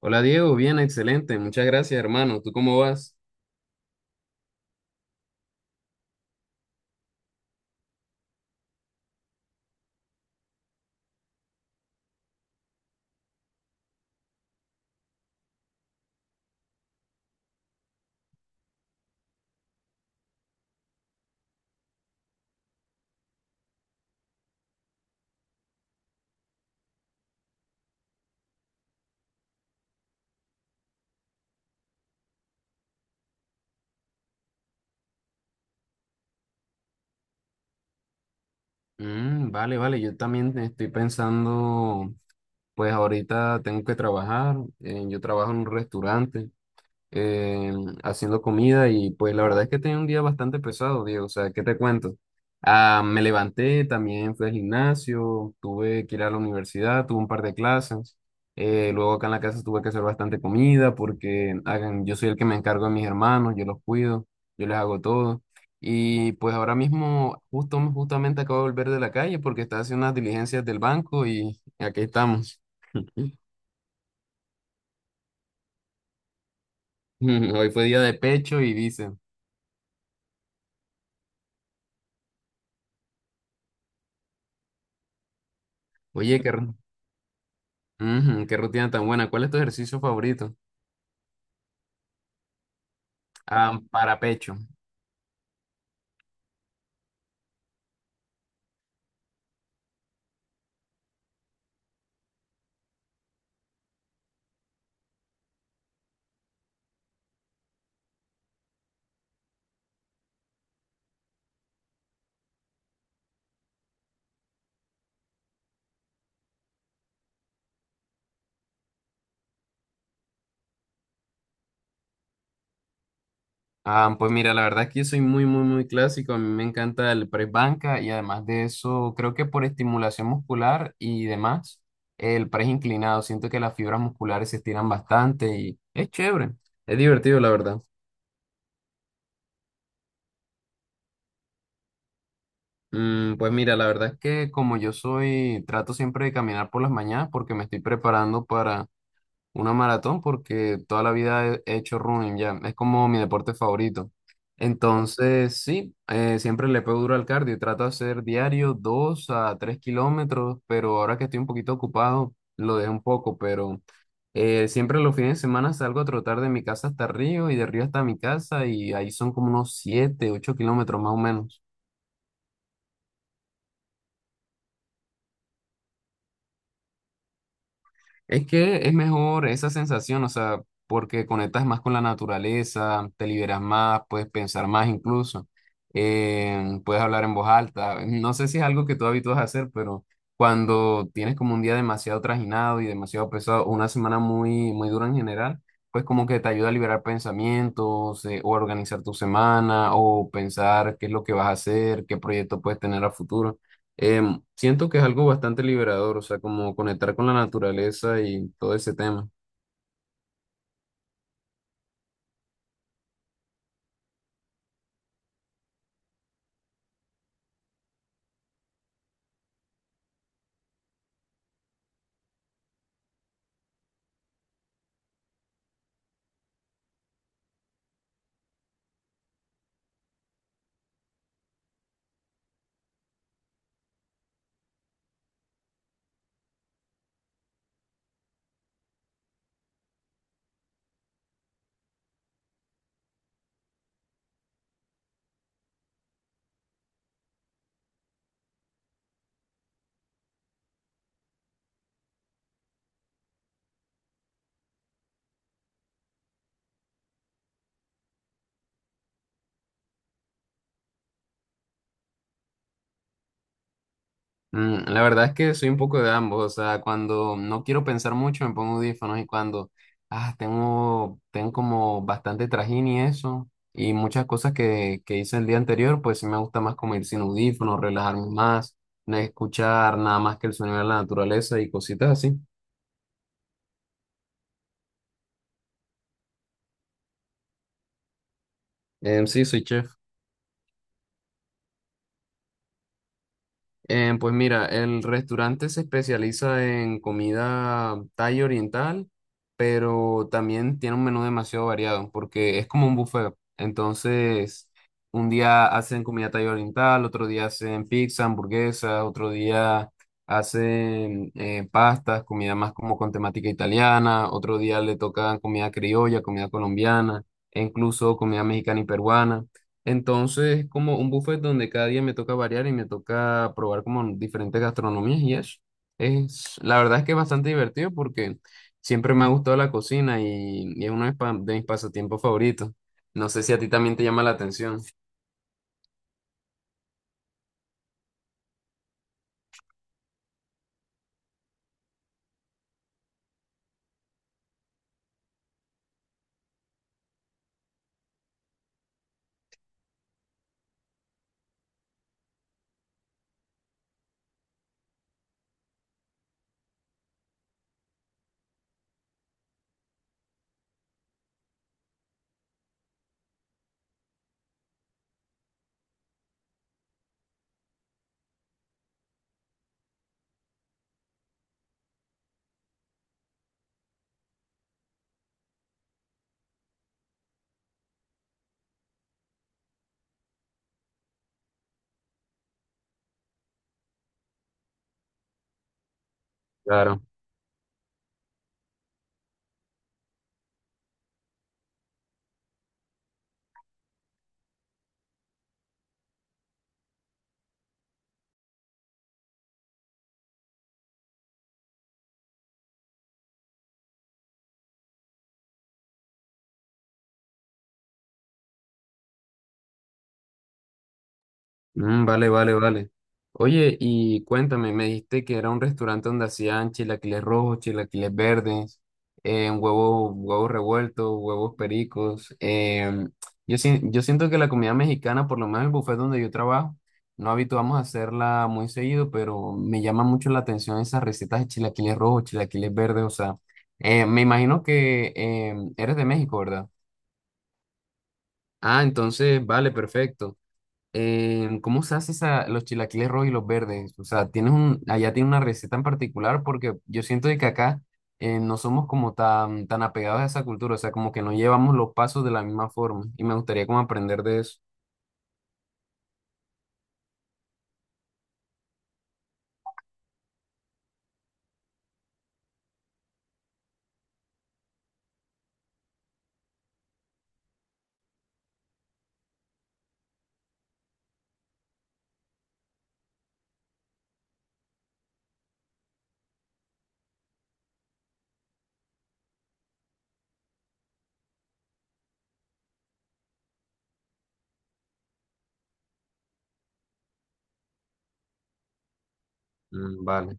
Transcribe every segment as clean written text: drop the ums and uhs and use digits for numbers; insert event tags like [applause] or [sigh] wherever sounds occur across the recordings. Hola Diego, bien, excelente, muchas gracias hermano, ¿tú cómo vas? Vale, vale, yo también estoy pensando, pues ahorita tengo que trabajar, yo trabajo en un restaurante, eh, haciendo comida y pues la verdad es que tenía un día bastante pesado, Diego. O sea, ¿qué te cuento? Me levanté, también fui al gimnasio, tuve que ir a la universidad, tuve un par de clases. Luego acá en la casa tuve que hacer bastante comida porque hagan, yo soy el que me encargo de mis hermanos, yo los cuido, yo les hago todo. Y pues ahora mismo justamente acabo de volver de la calle porque estaba haciendo unas diligencias del banco y aquí estamos. [laughs] Hoy fue día de pecho y dicen, oye, qué. Ujú, qué rutina tan buena. ¿Cuál es tu ejercicio favorito? Ah, para pecho. Ah, pues mira, la verdad es que yo soy muy, muy, muy clásico. A mí me encanta el press banca y además de eso, creo que por estimulación muscular y demás, el press inclinado. Siento que las fibras musculares se estiran bastante y es chévere. Es divertido, la verdad. Pues mira, la verdad es que como yo soy, trato siempre de caminar por las mañanas porque me estoy preparando para una maratón, porque toda la vida he hecho running ya, es como mi deporte favorito. Entonces, sí, siempre le pego duro al cardio y trato de hacer diario 2 a 3 kilómetros, pero ahora que estoy un poquito ocupado, lo dejo un poco, pero siempre los fines de semana salgo a trotar de mi casa hasta Río y de Río hasta mi casa y ahí son como unos 7, 8 kilómetros más o menos. Es que es mejor esa sensación, o sea, porque conectas más con la naturaleza, te liberas más, puedes pensar más incluso, puedes hablar en voz alta. No sé si es algo que tú habitúas a hacer, pero cuando tienes como un día demasiado trajinado y demasiado pesado, o una semana muy, muy dura en general, pues como que te ayuda a liberar pensamientos, o a organizar tu semana, o pensar qué es lo que vas a hacer, qué proyecto puedes tener a futuro. Siento que es algo bastante liberador, o sea, como conectar con la naturaleza y todo ese tema. La verdad es que soy un poco de ambos, o sea, cuando no quiero pensar mucho me pongo audífonos y cuando, tengo como bastante trajín y eso, y muchas cosas que hice el día anterior, pues sí me gusta más como ir sin audífonos, relajarme más, no escuchar nada más que el sonido de la naturaleza y cositas así. Sí, soy chef. Pues mira, el restaurante se especializa en comida thai oriental, pero también tiene un menú demasiado variado porque es como un buffet. Entonces, un día hacen comida thai oriental, otro día hacen pizza, hamburguesa, otro día hacen pastas, comida más como con temática italiana, otro día le tocan comida criolla, comida colombiana, e incluso comida mexicana y peruana. Entonces es como un buffet donde cada día me toca variar y me toca probar como diferentes gastronomías y eso. Es, la verdad es que es bastante divertido porque siempre me ha gustado la cocina y es uno de, de mis pasatiempos favoritos. No sé si a ti también te llama la atención. Claro. Vale, vale, vale. Oye, y cuéntame, me dijiste que era un restaurante donde hacían chilaquiles rojos, chilaquiles verdes, huevos revueltos, huevos pericos. Yo siento que la comida mexicana, por lo menos el buffet donde yo trabajo, no habituamos a hacerla muy seguido, pero me llama mucho la atención esas recetas de chilaquiles rojos, chilaquiles verdes. O sea, me imagino que eres de México, ¿verdad? Ah, entonces, vale, perfecto. ¿Cómo se hace esa, los chilaquiles rojos y los verdes? O sea, tienes un, allá tiene una receta en particular porque yo siento de que acá no somos como tan, tan apegados a esa cultura, o sea, como que no llevamos los pasos de la misma forma y me gustaría como aprender de eso. Vale.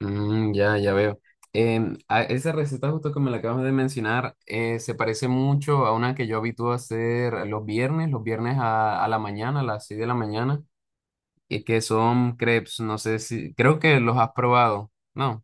Ya, ya veo. Esa receta justo que me la acabas de mencionar se parece mucho a una que yo habitúo a hacer los viernes a la mañana, a las 6 de la mañana, y que son crepes, no sé si, creo que los has probado, ¿no?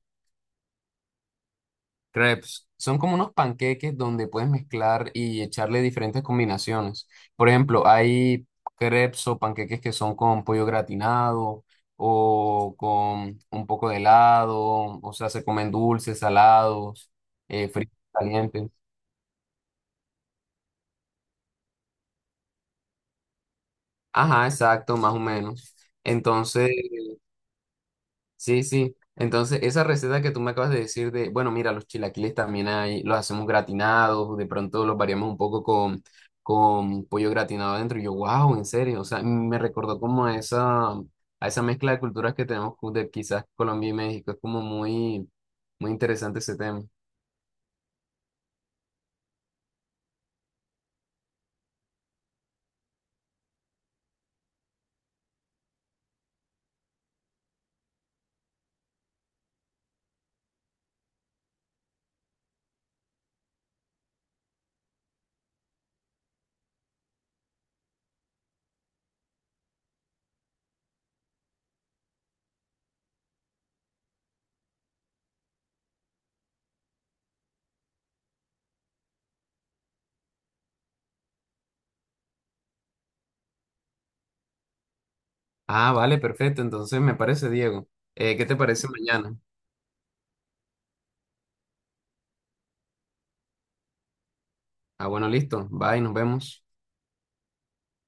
Crepes son como unos panqueques donde puedes mezclar y echarle diferentes combinaciones. Por ejemplo, hay crepes o panqueques que son con pollo gratinado o con un poco de helado, o sea, se comen dulces, salados, fritos, calientes. Ajá, exacto, más o menos. Entonces, sí, sí. Entonces, esa receta que tú me acabas de decir de, bueno, mira, los chilaquiles también hay, los hacemos gratinados, de pronto los variamos un poco con pollo gratinado adentro. Y yo, wow, en serio. O sea, me recordó como a esa mezcla de culturas que tenemos de quizás Colombia y México. Es como muy, muy interesante ese tema. Ah, vale, perfecto. Entonces, me parece, Diego. ¿Qué te parece mañana? Ah, bueno, listo. Bye, nos vemos.